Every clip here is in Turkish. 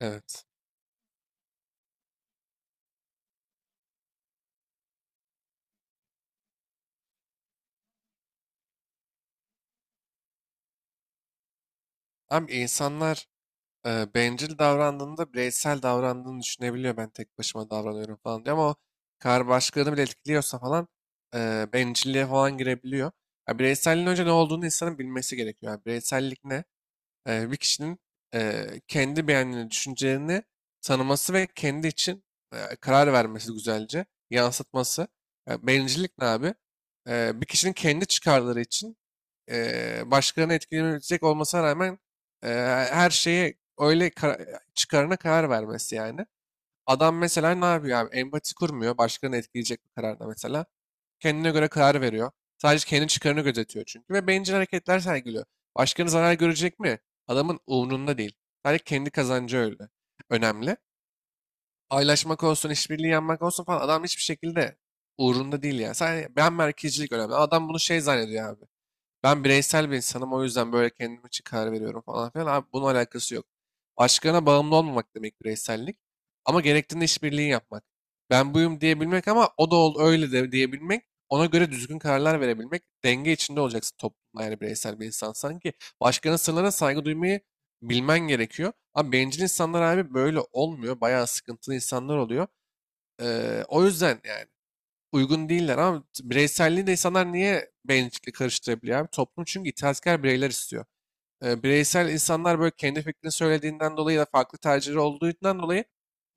Evet. Abi insanlar bencil davrandığında bireysel davrandığını düşünebiliyor. Ben tek başıma davranıyorum falan diye ama o kar başkalarını bile etkiliyorsa falan bencilliğe falan girebiliyor. Ya bireyselliğin önce ne olduğunu insanın bilmesi gerekiyor. Yani bireysellik ne? Bir kişinin kendi beğendiğini, düşüncelerini tanıması ve kendi için karar vermesi güzelce, yansıtması. Ya bencillik ne abi? Bir kişinin kendi çıkarları için başkalarını etkilemeyecek olmasına rağmen eee, her şeye öyle çıkarına karar vermesi yani. Adam mesela ne yapıyor abi? Empati kurmuyor. Başkalarını etkileyecek bir kararda mesela. Kendine göre karar veriyor. Sadece kendi çıkarını gözetiyor çünkü. Ve bencil hareketler sergiliyor. Başkalarının zarar görecek mi? Adamın umrunda değil. Sadece kendi kazancı öyle. Önemli. Paylaşmak olsun, işbirliği yapmak olsun falan adam hiçbir şekilde uğrunda değil yani. Sadece ben merkezcilik önemli. Adam bunu şey zannediyor abi. Ben bireysel bir insanım o yüzden böyle kendim için karar veriyorum falan filan. Abi bunun alakası yok. Başkalarına bağımlı olmamak demek bireysellik. Ama gerektiğinde işbirliği yapmak. Ben buyum diyebilmek ama o da ol öyle de diyebilmek. Ona göre düzgün kararlar verebilmek. Denge içinde olacaksın toplumda yani bireysel bir insan sanki. Başkalarının sırlarına saygı duymayı bilmen gerekiyor. Ama bencil insanlar abi böyle olmuyor. Bayağı sıkıntılı insanlar oluyor. O yüzden yani uygun değiller ama bireyselliği de insanlar niye bencillik karıştırabiliyor abi? Toplum çünkü itaatkar bireyler istiyor, bireysel insanlar böyle kendi fikrini söylediğinden dolayı ya da farklı tercihleri olduğundan dolayı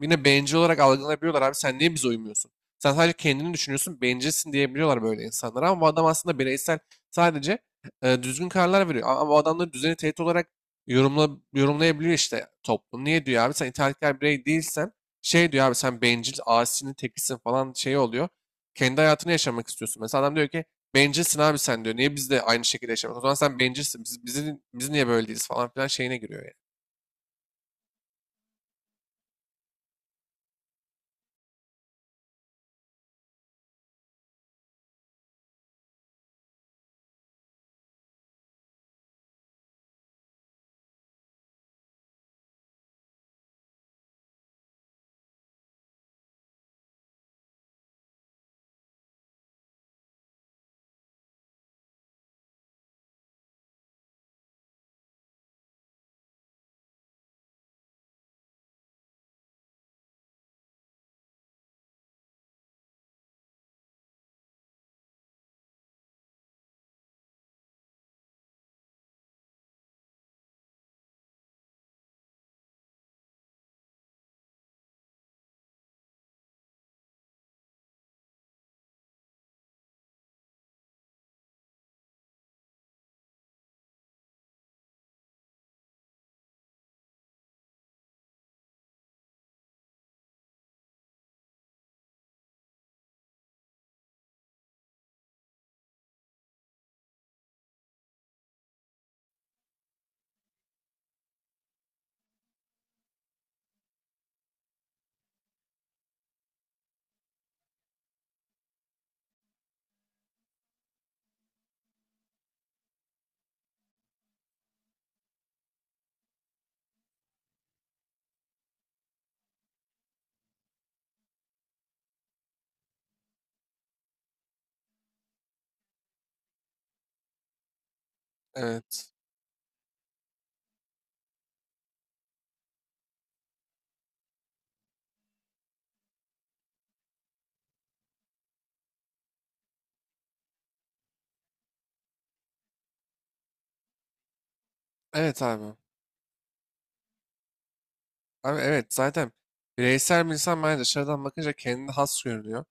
yine bencil olarak algılanabiliyorlar. Abi sen niye bize uymuyorsun? Sen sadece kendini düşünüyorsun, bencilsin diyebiliyorlar böyle insanlara. Ama bu adam aslında bireysel, sadece düzgün kararlar veriyor. Ama bu adamları düzeni tehdit olarak yorumlayabiliyor işte toplum. Niye diyor abi sen itaatkar birey değilsen şey diyor abi sen bencil, asinin tekisin falan şey oluyor. Kendi hayatını yaşamak istiyorsun. Mesela adam diyor ki, "Bencilsin abi sen" diyor. Niye biz de aynı şekilde yaşamıyoruz? O zaman sen bencilsin. Biz niye böyle değiliz falan filan şeyine giriyor yani. Evet. Evet abi. Abi evet zaten bireysel bir insan bence dışarıdan bakınca kendine has görünüyor.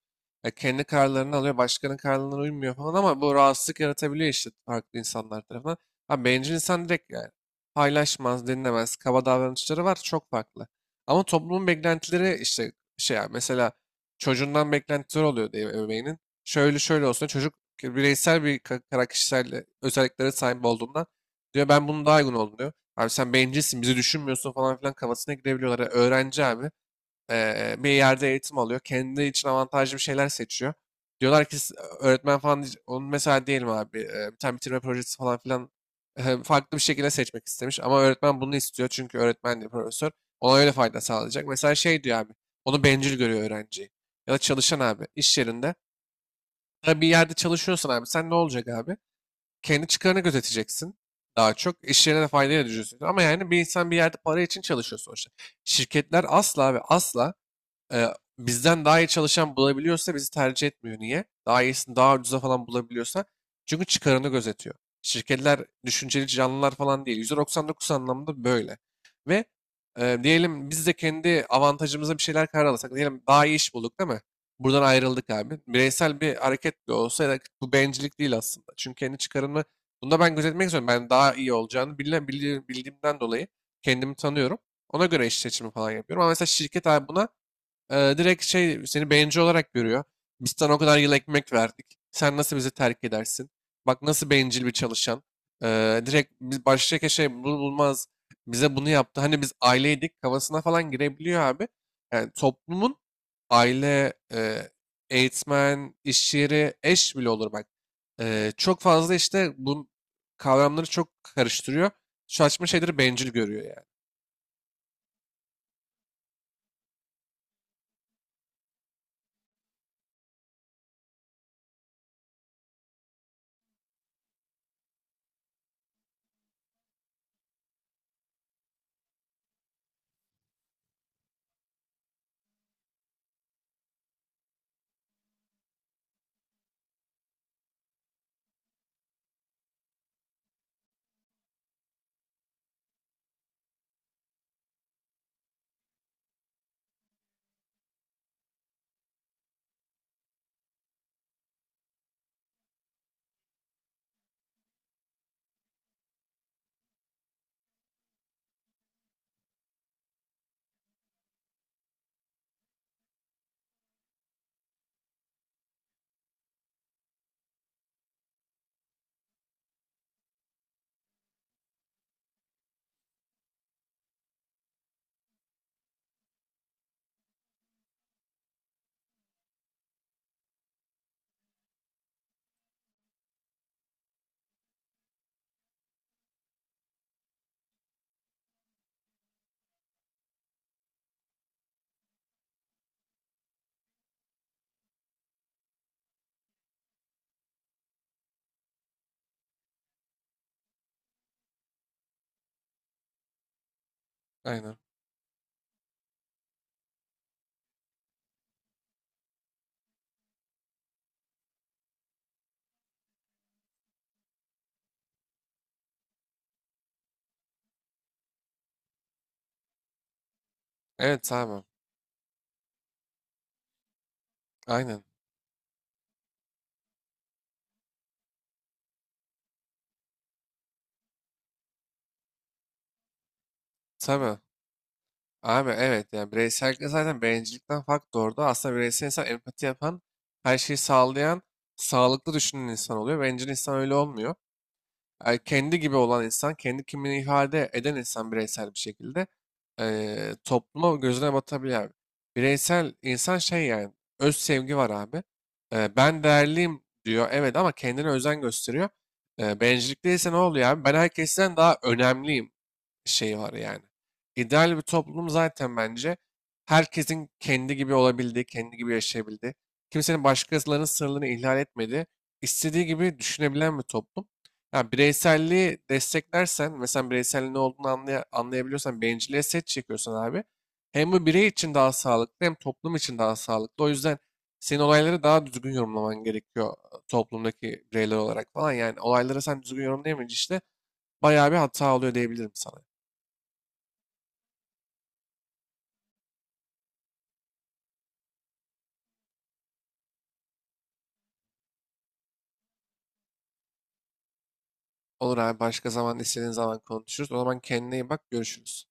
Ya kendi kararlarını alıyor, başkanın kararlarına uymuyor falan ama bu rahatsızlık yaratabiliyor işte farklı insanlar tarafından. Abi bencil insan direkt yani paylaşmaz, dinlemez, kaba davranışları var çok farklı. Ama toplumun beklentileri işte şey yani mesela çocuğundan beklentiler oluyor diye ebeveynin. Şöyle şöyle olsun çocuk, bireysel bir ka- kara kişisel özelliklere sahip olduğundan diyor ben bunu daha uygun oldum diyor. Abi sen bencilsin, bizi düşünmüyorsun falan filan kafasına girebiliyorlar. Yani öğrenci abi bir yerde eğitim alıyor. Kendi için avantajlı bir şeyler seçiyor. Diyorlar ki, öğretmen falan, onun mesela diyelim abi bir tane bitirme projesi falan filan farklı bir şekilde seçmek istemiş. Ama öğretmen bunu istiyor çünkü öğretmen de profesör. Ona öyle fayda sağlayacak. Mesela şey diyor abi, onu bencil görüyor öğrenciyi. Ya da çalışan abi iş yerinde. Ya bir yerde çalışıyorsan abi sen ne olacak abi? Kendi çıkarını gözeteceksin daha çok. İş yerine de faydayla düşüneceksin. Ama yani bir insan bir yerde para için çalışıyor sonuçta. Şirketler asla ve asla e, bizden daha iyi çalışan bulabiliyorsa bizi tercih etmiyor. Niye? Daha iyisini daha ucuza falan bulabiliyorsa. Çünkü çıkarını gözetiyor. Şirketler düşünceli canlılar falan değil. %99 anlamda böyle. Ve diyelim biz de kendi avantajımıza bir şeyler karar alırsak. Diyelim daha iyi iş bulduk değil mi? Buradan ayrıldık abi. Bireysel bir hareket de olsa ya da bu bencillik değil aslında. Çünkü kendi çıkarımı bunda ben gözetmek istiyorum. Ben daha iyi olacağını bildiğimden dolayı kendimi tanıyorum. Ona göre iş seçimi falan yapıyorum. Ama mesela şirket abi buna direkt şey seni bencil olarak görüyor. Biz sana o kadar yıl ekmek verdik. Sen nasıl bizi terk edersin? Bak nasıl bencil bir çalışan. Direkt biz baştaki şey bunu bulmaz. Bize bunu yaptı. Hani biz aileydik kafasına falan girebiliyor abi. Yani toplumun aile, eğitmen, iş yeri, eş bile olur bak. Çok fazla işte bu kavramları çok karıştırıyor. Saçma şeyleri bencil görüyor yani. Aynen. Evet tamam. Aynen. Tabii. Abi evet yani bireysellikle zaten bencillikten fark doğurdu. Aslında bireysel insan empati yapan, her şeyi sağlayan, sağlıklı düşünen insan oluyor. Bencil insan öyle olmuyor. Kendi gibi olan insan, kendi kimliğini ifade eden insan bireysel bir şekilde topluma gözüne batabilir abi. Bireysel insan şey yani öz sevgi var abi. Ben değerliyim diyor evet ama kendine özen gösteriyor. Bencillik değilse ne oluyor abi? Ben herkesten daha önemliyim şeyi var yani. İdeal bir toplum zaten bence herkesin kendi gibi olabildiği, kendi gibi yaşayabildiği, kimsenin başkalarının sınırlarını ihlal etmediği, istediği gibi düşünebilen bir toplum. Ya bireyselliği desteklersen, mesela bireyselliğin ne olduğunu anlayabiliyorsan, bencilliğe set çekiyorsan abi, hem bu birey için daha sağlıklı hem toplum için daha sağlıklı. O yüzden senin olayları daha düzgün yorumlaman gerekiyor toplumdaki bireyler olarak falan. Yani olayları sen düzgün yorumlayamayınca işte bayağı bir hata oluyor diyebilirim sana. Olur abi başka zaman istediğin zaman konuşuruz. O zaman kendine iyi bak, görüşürüz.